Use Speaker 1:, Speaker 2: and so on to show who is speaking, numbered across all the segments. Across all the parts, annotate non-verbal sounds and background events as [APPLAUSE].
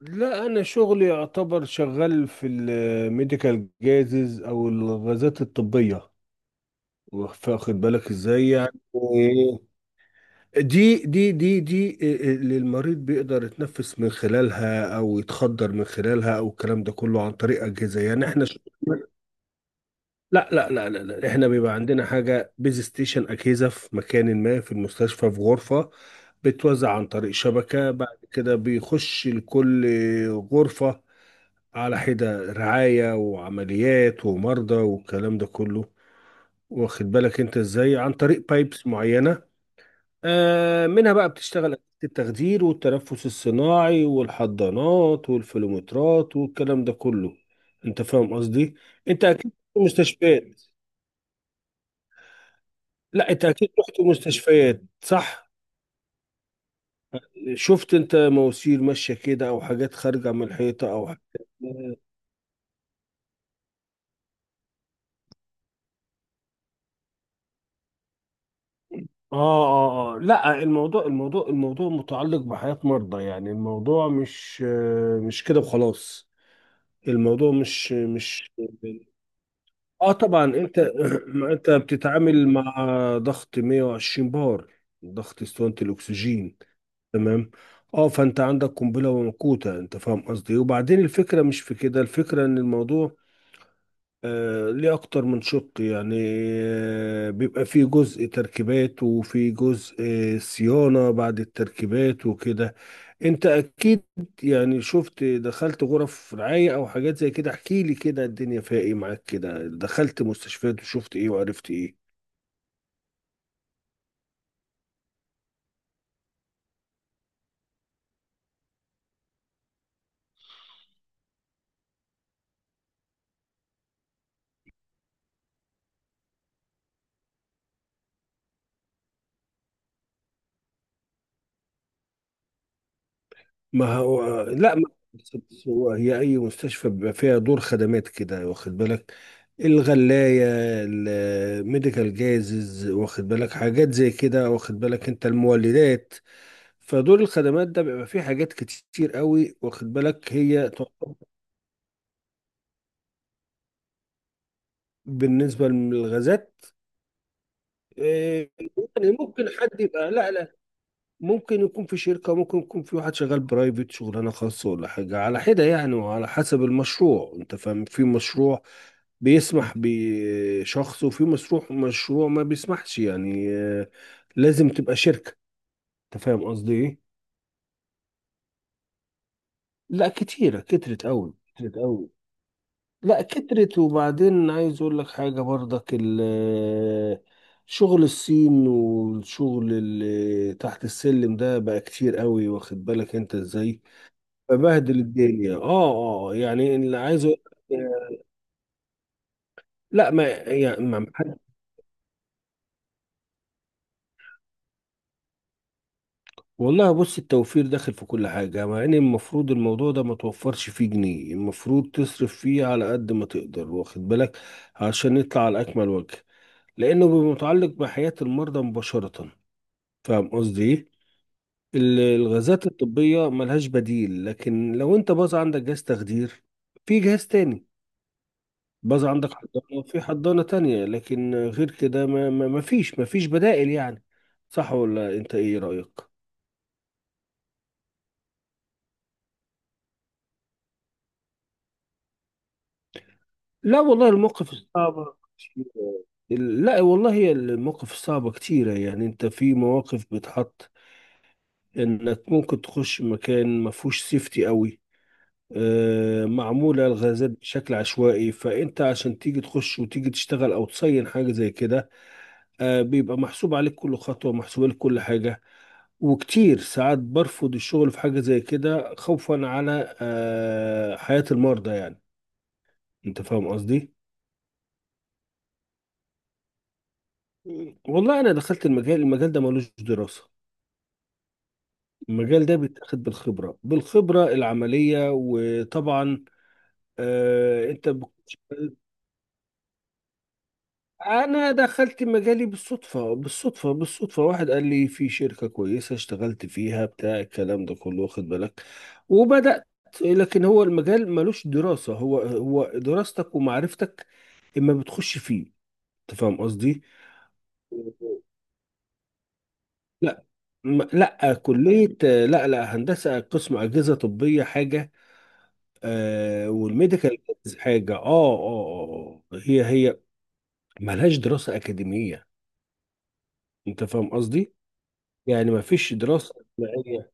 Speaker 1: لا، انا شغلي يعتبر شغال في الميديكال جازز او الغازات الطبيه. واخد بالك ازاي؟ يعني دي اللي المريض بيقدر يتنفس من خلالها او يتخدر من خلالها او الكلام ده كله عن طريق اجهزه. يعني احنا ش... لا، احنا بيبقى عندنا حاجه بيز ستيشن، اجهزه في مكان ما في المستشفى في غرفه، بتوزع عن طريق شبكه، بعد كده بيخش لكل غرفه على حدة، رعاية وعمليات ومرضى والكلام ده كله. واخد بالك انت ازاي؟ عن طريق بايبس معينة. منها بقى بتشتغل أجهزة التخدير والتنفس الصناعي والحضانات والفلومترات والكلام ده كله. انت فاهم قصدي؟ انت اكيد رحت مستشفيات. لا، انت اكيد رحت مستشفيات، صح؟ شفت انت مواسير ماشية كده او حاجات خارجة من الحيطة او حاجات؟ اه اه اه، لا، الموضوع الموضوع متعلق بحياة مرضى. يعني الموضوع مش مش كده وخلاص. الموضوع مش [LAUGHS] اه طبعا انت. [CLEARS THROAT] ما انت بتتعامل مع ضغط 120 بار، ضغط اسطوانة الاكسجين. تمام. اه، فانت عندك قنبلة وموقوتة. انت فاهم قصدي إيه؟ وبعدين الفكرة مش في كده، الفكرة ان الموضوع ليه أكتر من شق يعني. بيبقى فيه جزء تركيبات، وفي جزء صيانة بعد التركيبات وكده. أنت أكيد يعني شفت، دخلت غرف رعاية أو حاجات زي كده؟ احكي لي كده، الدنيا فيها إيه معاك كده؟ دخلت مستشفيات وشفت إيه وعرفت إيه؟ ما هو لا، ما بس هو هي اي مستشفى بيبقى فيها دور خدمات كده، واخد بالك؟ الغلاية، الميديكال جازز، واخد بالك حاجات زي كده، واخد بالك انت؟ المولدات. فدور الخدمات ده بيبقى فيه حاجات كتير قوي، واخد بالك؟ هي تعتبر بالنسبة للغازات إيه، يعني ممكن حد يبقى لا، ممكن يكون في شركة، ممكن يكون في واحد شغال برايفت، شغلانة خاصة ولا حاجة على حدة يعني، وعلى حسب المشروع. انت فاهم؟ في مشروع بيسمح بشخص، وفي مشروع ما بيسمحش، يعني لازم تبقى شركة. انت فاهم قصدي ايه؟ لا كتيرة، كترت قوي. لا كترت. وبعدين عايز اقول لك حاجة برضك، شغل الصين والشغل اللي تحت السلم ده بقى كتير قوي، واخد بالك انت ازاي؟ ببهدل الدنيا. اه. يعني اللي عايز أقول لك، لا ما حد، والله بص، التوفير داخل في كل حاجة، مع ان المفروض الموضوع ده ما توفرش فيه جنيه، المفروض تصرف فيه على قد ما تقدر، واخد بالك؟ عشان نطلع على اكمل وجه، لانه بيبقى متعلق بحياة المرضى مباشرة. فاهم قصدي ايه؟ الغازات الطبية ملهاش بديل، لكن لو انت باظ عندك جهاز تخدير في جهاز تاني، باظ عندك حضانة وفي حضانة تانية، لكن غير كده ما فيش بدائل يعني. صح ولا انت ايه رأيك؟ لا والله المواقف الصعبة كتير. لا والله هي المواقف الصعبة كتيرة. يعني انت في مواقف بتحط انك ممكن تخش مكان ما فيهوش سيفتي قوي. معمولة الغازات بشكل عشوائي، فانت عشان تيجي تخش وتيجي تشتغل او تصين حاجة زي كده بيبقى محسوب عليك كل خطوة، محسوب عليك كل حاجة. وكتير ساعات برفض الشغل في حاجة زي كده، خوفا على حياة المرضى يعني. انت فاهم قصدي؟ والله انا دخلت المجال، ده ملوش دراسة. المجال ده بيتاخد بالخبرة، بالخبرة العملية، وطبعا انت بتخش. انا دخلت مجالي بالصدفه، بالصدفه. واحد قال لي في شركه كويسه، اشتغلت فيها، بتاع الكلام ده كله واخد بالك، وبدات. لكن هو المجال ملوش دراسه. هو دراستك ومعرفتك اما بتخش فيه. انت فاهم قصدي؟ لا. لا كليه، لا هندسه، قسم اجهزه طبيه حاجه. والميديكال حاجه. اه. هي ملهاش دراسه اكاديميه. انت فاهم قصدي؟ يعني ما فيش دراسة جماعية،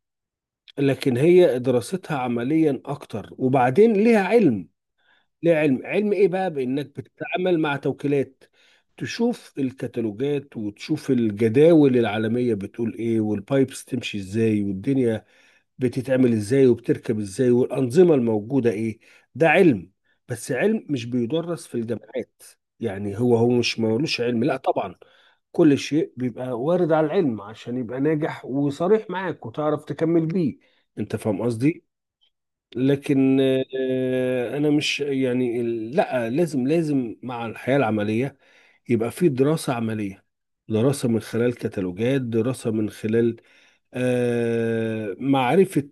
Speaker 1: لكن هي دراستها عمليا أكتر. وبعدين ليها علم. ليها علم. علم إيه بقى؟ بإنك بتتعامل مع توكيلات، تشوف الكتالوجات وتشوف الجداول العالمية بتقول إيه، والبايبس تمشي إزاي، والدنيا بتتعمل إزاي، وبتركب إزاي، والأنظمة الموجودة إيه. ده علم، بس علم مش بيدرس في الجامعات. يعني هو مش ملوش علم، لا طبعا. كل شيء بيبقى وارد على العلم عشان يبقى ناجح وصريح معاك، وتعرف تكمل بيه. انت فاهم قصدي؟ لكن انا مش يعني، لا لازم مع الحياة العملية يبقى في دراسة عملية. دراسة من خلال كتالوجات، دراسة من خلال معرفة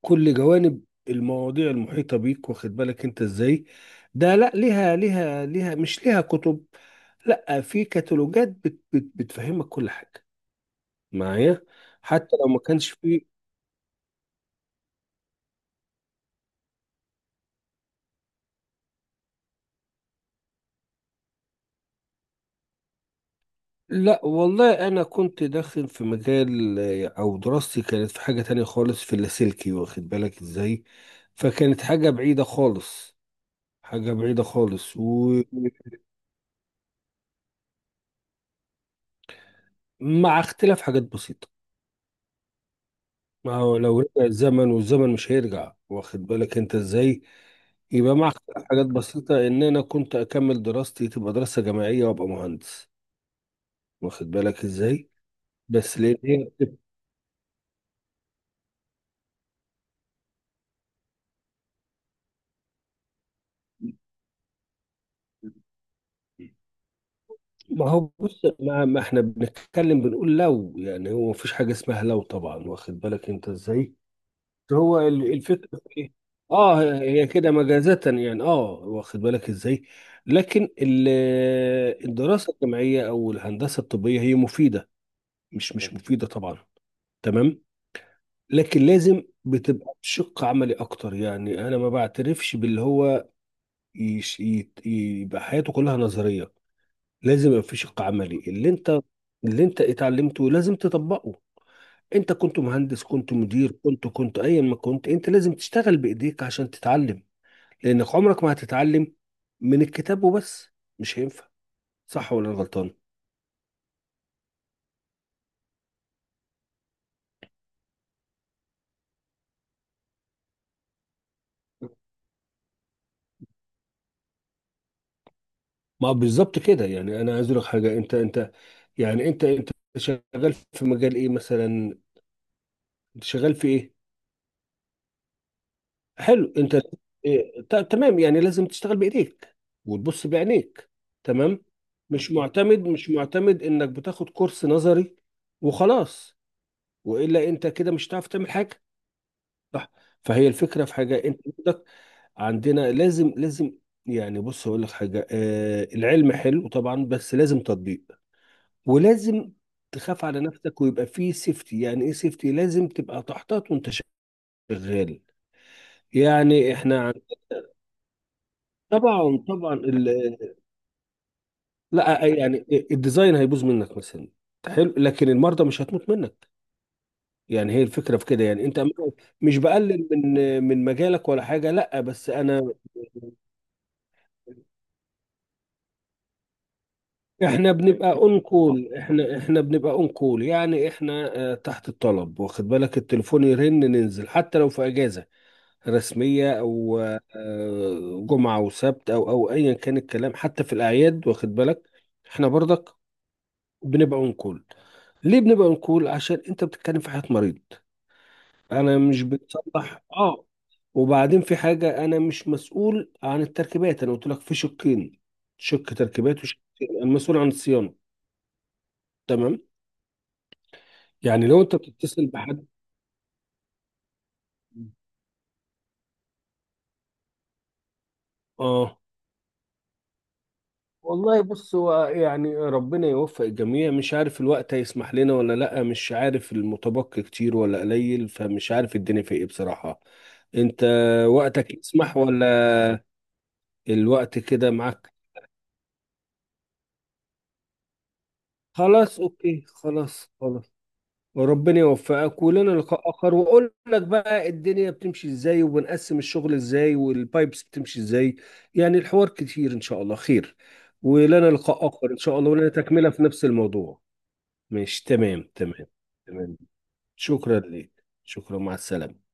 Speaker 1: كل جوانب المواضيع المحيطة بيك، واخد بالك انت ازاي؟ ده لا، ليها مش ليها كتب، لا في كتالوجات بت بت بتفهمك كل حاجة معايا، حتى لو ما كانش في. لا والله انا كنت داخل في مجال او دراستي كانت في حاجة تانية خالص، في اللاسلكي، واخد بالك ازاي؟ فكانت حاجة بعيدة خالص. حاجة بعيدة خالص، ومع اختلاف حاجات بسيطة. ما هو لو رجع الزمن، والزمن مش هيرجع، واخد بالك انت ازاي؟ يبقى مع حاجات بسيطة، ان انا كنت اكمل دراستي تبقى دراسة جامعية، وابقى مهندس، واخد بالك ازاي؟ بس ليه ليه؟ ما هو بص، ما, ما احنا بنتكلم، بنقول لو، يعني هو مفيش حاجة اسمها لو طبعا، واخد بالك انت ازاي؟ هو الفكرة في ايه؟ اه، هي كده مجازة يعني. اه، واخد بالك ازاي؟ لكن الدراسة الجامعية او الهندسة الطبية هي مفيدة، مش مفيدة طبعا، تمام؟ لكن لازم بتبقى بشق عملي اكتر، يعني انا ما بعترفش باللي هو يبقى حياته كلها نظرية. لازم يبقى في شق عملي، اللي انت اللي انت اتعلمته لازم تطبقه. انت كنت مهندس، كنت مدير، كنت ايا ما كنت، انت لازم تشتغل بايديك عشان تتعلم، لانك عمرك ما هتتعلم من الكتاب وبس، مش هينفع. صح ولا أنا غلطان؟ ما بالظبط كده. يعني انا عايز اقول لك حاجه، انت يعني انت شغال في مجال ايه مثلا؟ انت شغال في ايه؟ حلو. انت إيه؟ تمام، يعني لازم تشتغل بايديك وتبص بعينيك. تمام؟ مش معتمد، مش معتمد انك بتاخد كورس نظري وخلاص، والا انت كده مش هتعرف تعمل حاجه. صح؟ فهي الفكره في حاجه، انت عندك، عندنا، لازم. يعني بص اقول لك حاجه، آه، العلم حلو طبعا بس لازم تطبيق، ولازم تخاف على نفسك، ويبقى فيه سيفتي. يعني ايه سيفتي؟ لازم تبقى تحتاط وانت شغال. يعني احنا عن- طبعا طبعا ال... لا يعني الديزاين هيبوظ منك مثلا، حلو، لكن المرضى مش هتموت منك. يعني هي الفكره في كده يعني. انت مش بقلل من من مجالك ولا حاجه، لا، بس انا. احنا بنبقى اون كول، احنا بنبقى اون كول، يعني احنا تحت الطلب، واخد بالك؟ التليفون يرن، ننزل، حتى لو في اجازه رسمية أو جمعة وسبت، أو أيا كان الكلام، حتى في الأعياد، واخد بالك؟ إحنا برضك بنبقى ونقول. ليه بنبقى نقول؟ عشان أنت بتتكلم في حياة مريض. أنا مش بتصلح، آه. وبعدين في حاجة، أنا مش مسؤول عن التركيبات، أنا قلت لك في شقين، شق تركيبات وشق المسؤول عن الصيانة. تمام؟ يعني لو أنت بتتصل بحد. آه، والله بص، هو يعني ربنا يوفق الجميع. مش عارف الوقت هيسمح لنا ولا لأ، مش عارف المتبقي كتير ولا قليل، فمش عارف الدنيا في ايه بصراحة. انت وقتك يسمح ولا الوقت كده معاك؟ خلاص اوكي، خلاص. وربنا يوفقك، ولنا لقاء اخر واقول لك بقى الدنيا بتمشي ازاي، وبنقسم الشغل ازاي، والبايبس بتمشي ازاي، يعني الحوار كتير، ان شاء الله خير. ولنا لقاء اخر ان شاء الله، ولنا تكملة في نفس الموضوع. مش تمام؟ تمام تمام. شكرا لك، شكرا، مع السلامة.